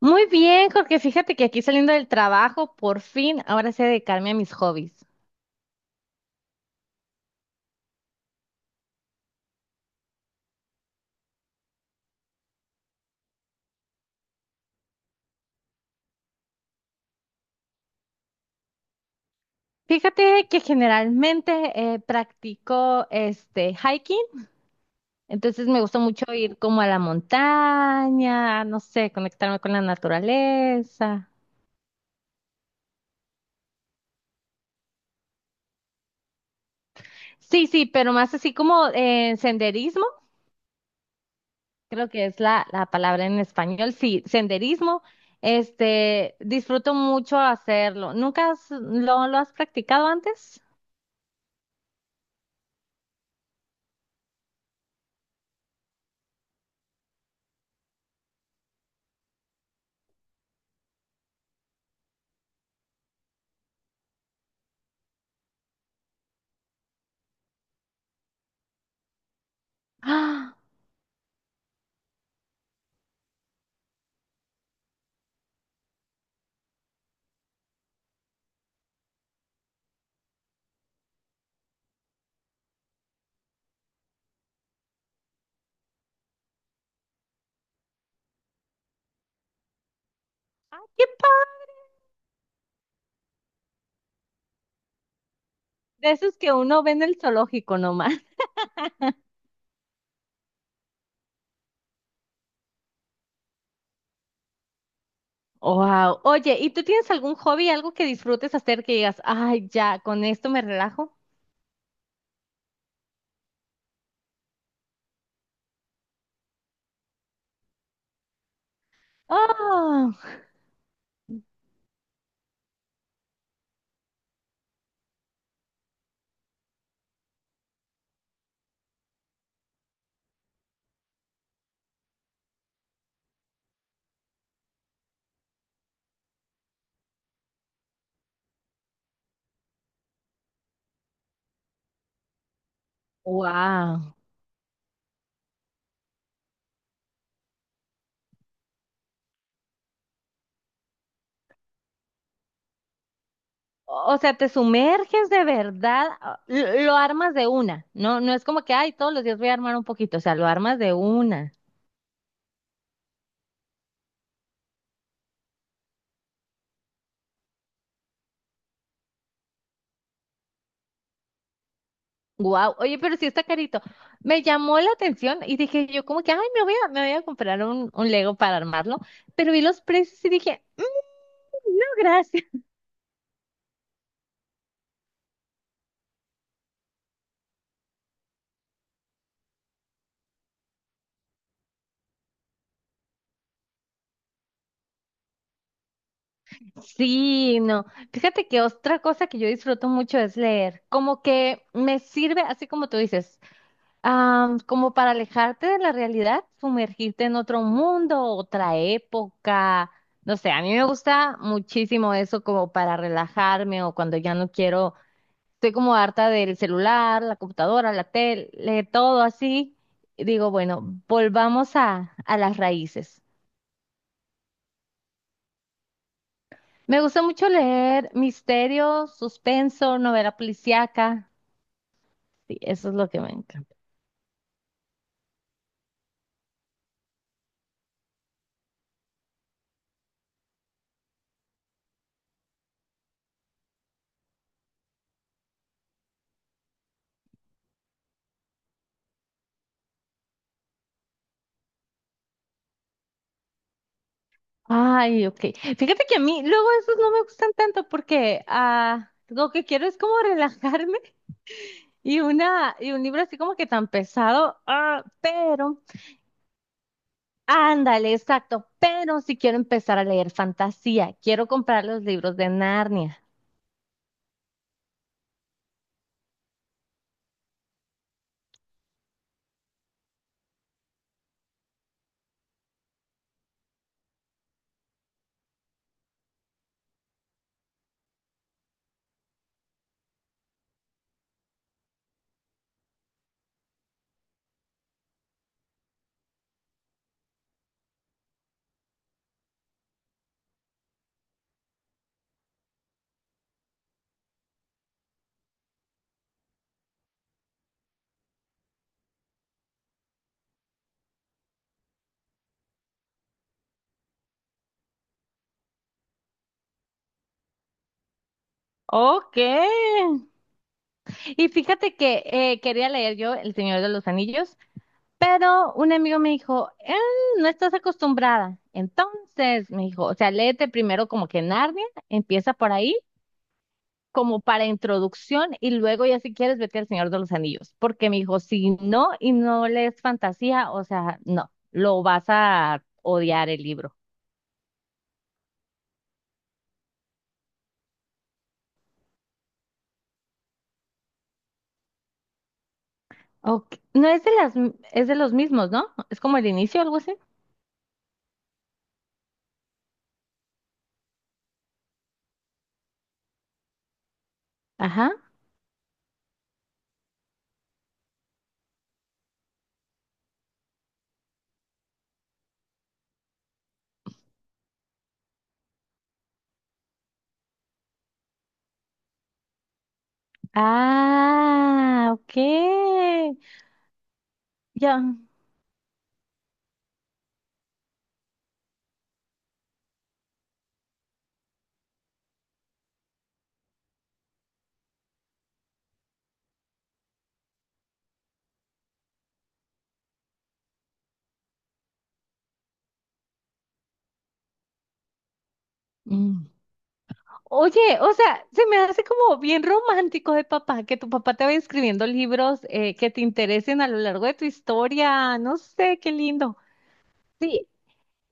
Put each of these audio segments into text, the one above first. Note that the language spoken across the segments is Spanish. Muy bien, Jorge, fíjate que aquí saliendo del trabajo, por fin, ahora sé dedicarme a mis hobbies. Fíjate que generalmente practico este hiking, entonces me gusta mucho ir como a la montaña, no sé, conectarme con la naturaleza. Sí, sí, pero más así como senderismo, creo que es la palabra en español, sí, senderismo. Este, disfruto mucho hacerlo. ¿Nunca lo has practicado antes? ¡Ah! ¡Ay, qué padre! De esos que uno ve en el zoológico nomás. Wow. Oye, ¿y tú tienes algún hobby, algo que disfrutes hacer que digas, ay, ya, con esto me relajo? Oh, wow. O sea, te sumerges de verdad, ah, lo armas de una. No, no es como que, ay, todos los días voy a armar un poquito. O sea, lo armas de una. Wow. Oye, pero sí está carito. Me llamó la atención y dije yo como que, ay, me voy a comprar un Lego para armarlo. Pero vi los precios y dije, "Mm, no, gracias." Sí, no. Fíjate que otra cosa que yo disfruto mucho es leer. Como que me sirve, así como tú dices, ah, como para alejarte de la realidad, sumergirte en otro mundo, otra época. No sé, a mí me gusta muchísimo eso como para relajarme o cuando ya no quiero, estoy como harta del celular, la computadora, la tele, todo así. Y digo, bueno, volvamos a las raíces. Me gusta mucho leer misterio, suspenso, novela policíaca. Sí, eso es lo que me encanta. Ay, ok. Fíjate que a mí luego esos no me gustan tanto porque lo que quiero es como relajarme y una y un libro así como que tan pesado. Ah, pero, ándale, exacto. Pero si quiero empezar a leer fantasía, quiero comprar los libros de Narnia. Ok. Y fíjate que quería leer yo El Señor de los Anillos. Pero un amigo me dijo, no estás acostumbrada." Entonces me dijo, o sea, léete primero como que Narnia, empieza por ahí, como para introducción, y luego ya si quieres vete al Señor de los Anillos. Porque me dijo, si no y no lees fantasía, o sea, no, lo vas a odiar el libro. Ok, no es de las, es de los mismos, ¿no? Es como el inicio, algo así. Ajá. Ah, ok. Ya. Mm. Oye, o sea, se me hace como bien romántico de papá, que tu papá te va escribiendo libros que te interesen a lo largo de tu historia. No sé, qué lindo. Sí,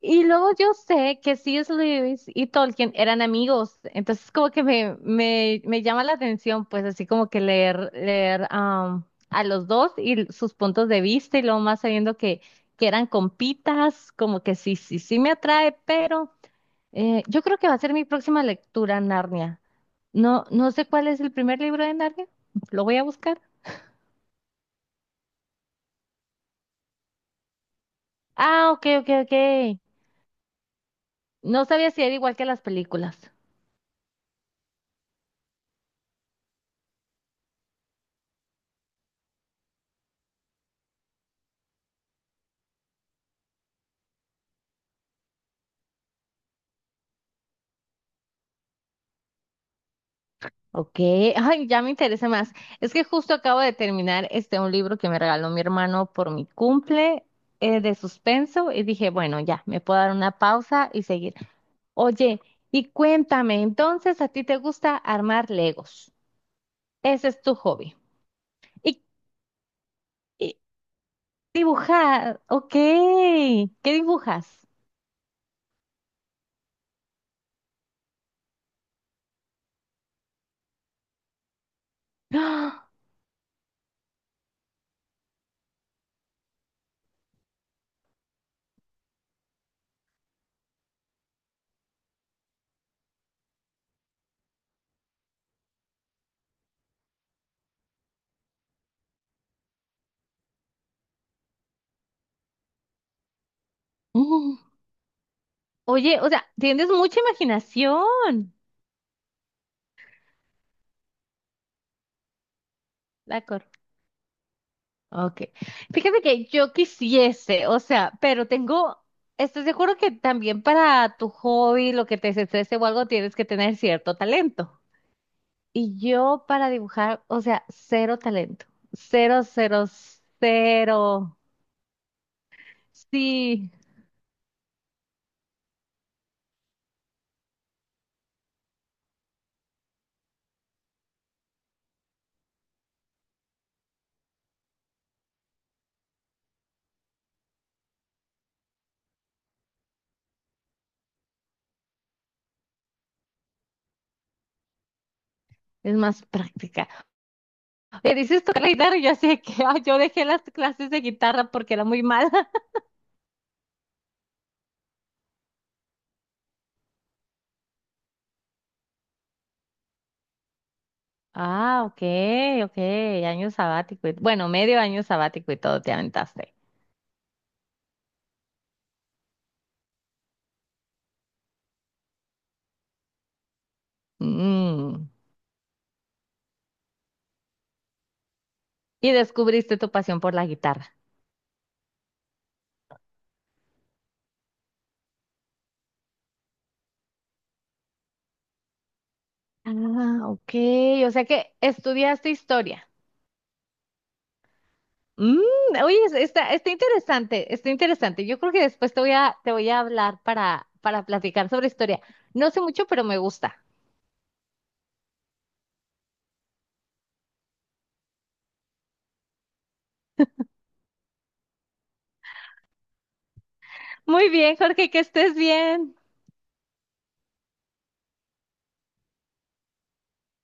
y luego yo sé que C.S. Lewis y Tolkien eran amigos, entonces como que me llama la atención, pues así como que leer, a los dos y sus puntos de vista y luego más sabiendo que eran compitas, como que sí, sí, sí me atrae, pero yo creo que va a ser mi próxima lectura, Narnia. No, no sé cuál es el primer libro de Narnia. Lo voy a buscar. Ah, ok, ok, ok. No sabía si era igual que las películas. Ok, ay, ya me interesa más. Es que justo acabo de terminar este un libro que me regaló mi hermano por mi cumple de suspenso y dije, bueno, ya, me puedo dar una pausa y seguir. Oye, y cuéntame, entonces a ti te gusta armar Legos. Ese es tu hobby. Y, y dibujar, ok. ¿Qué dibujas? Oye, o sea, tienes mucha imaginación, la cor. Ok. Fíjate que yo quisiese, o sea, pero tengo, estoy seguro que también para tu hobby, lo que te desestrese o algo, tienes que tener cierto talento. Y yo para dibujar, o sea, cero talento. Cero, cero, cero. Sí, es más práctica. Oye, dices tocar la guitarra y yo así de que, ay, yo dejé las clases de guitarra porque era muy mala. Ah, ok, ok, año sabático. Bueno, medio año sabático y todo te aventaste. Mm. Y descubriste tu pasión por la guitarra. Ah, ok, o sea que estudiaste historia. Mm, oye, está, está interesante, está interesante. Yo creo que después te voy a hablar para platicar sobre historia. No sé mucho, pero me gusta. Muy bien, Jorge, que estés bien.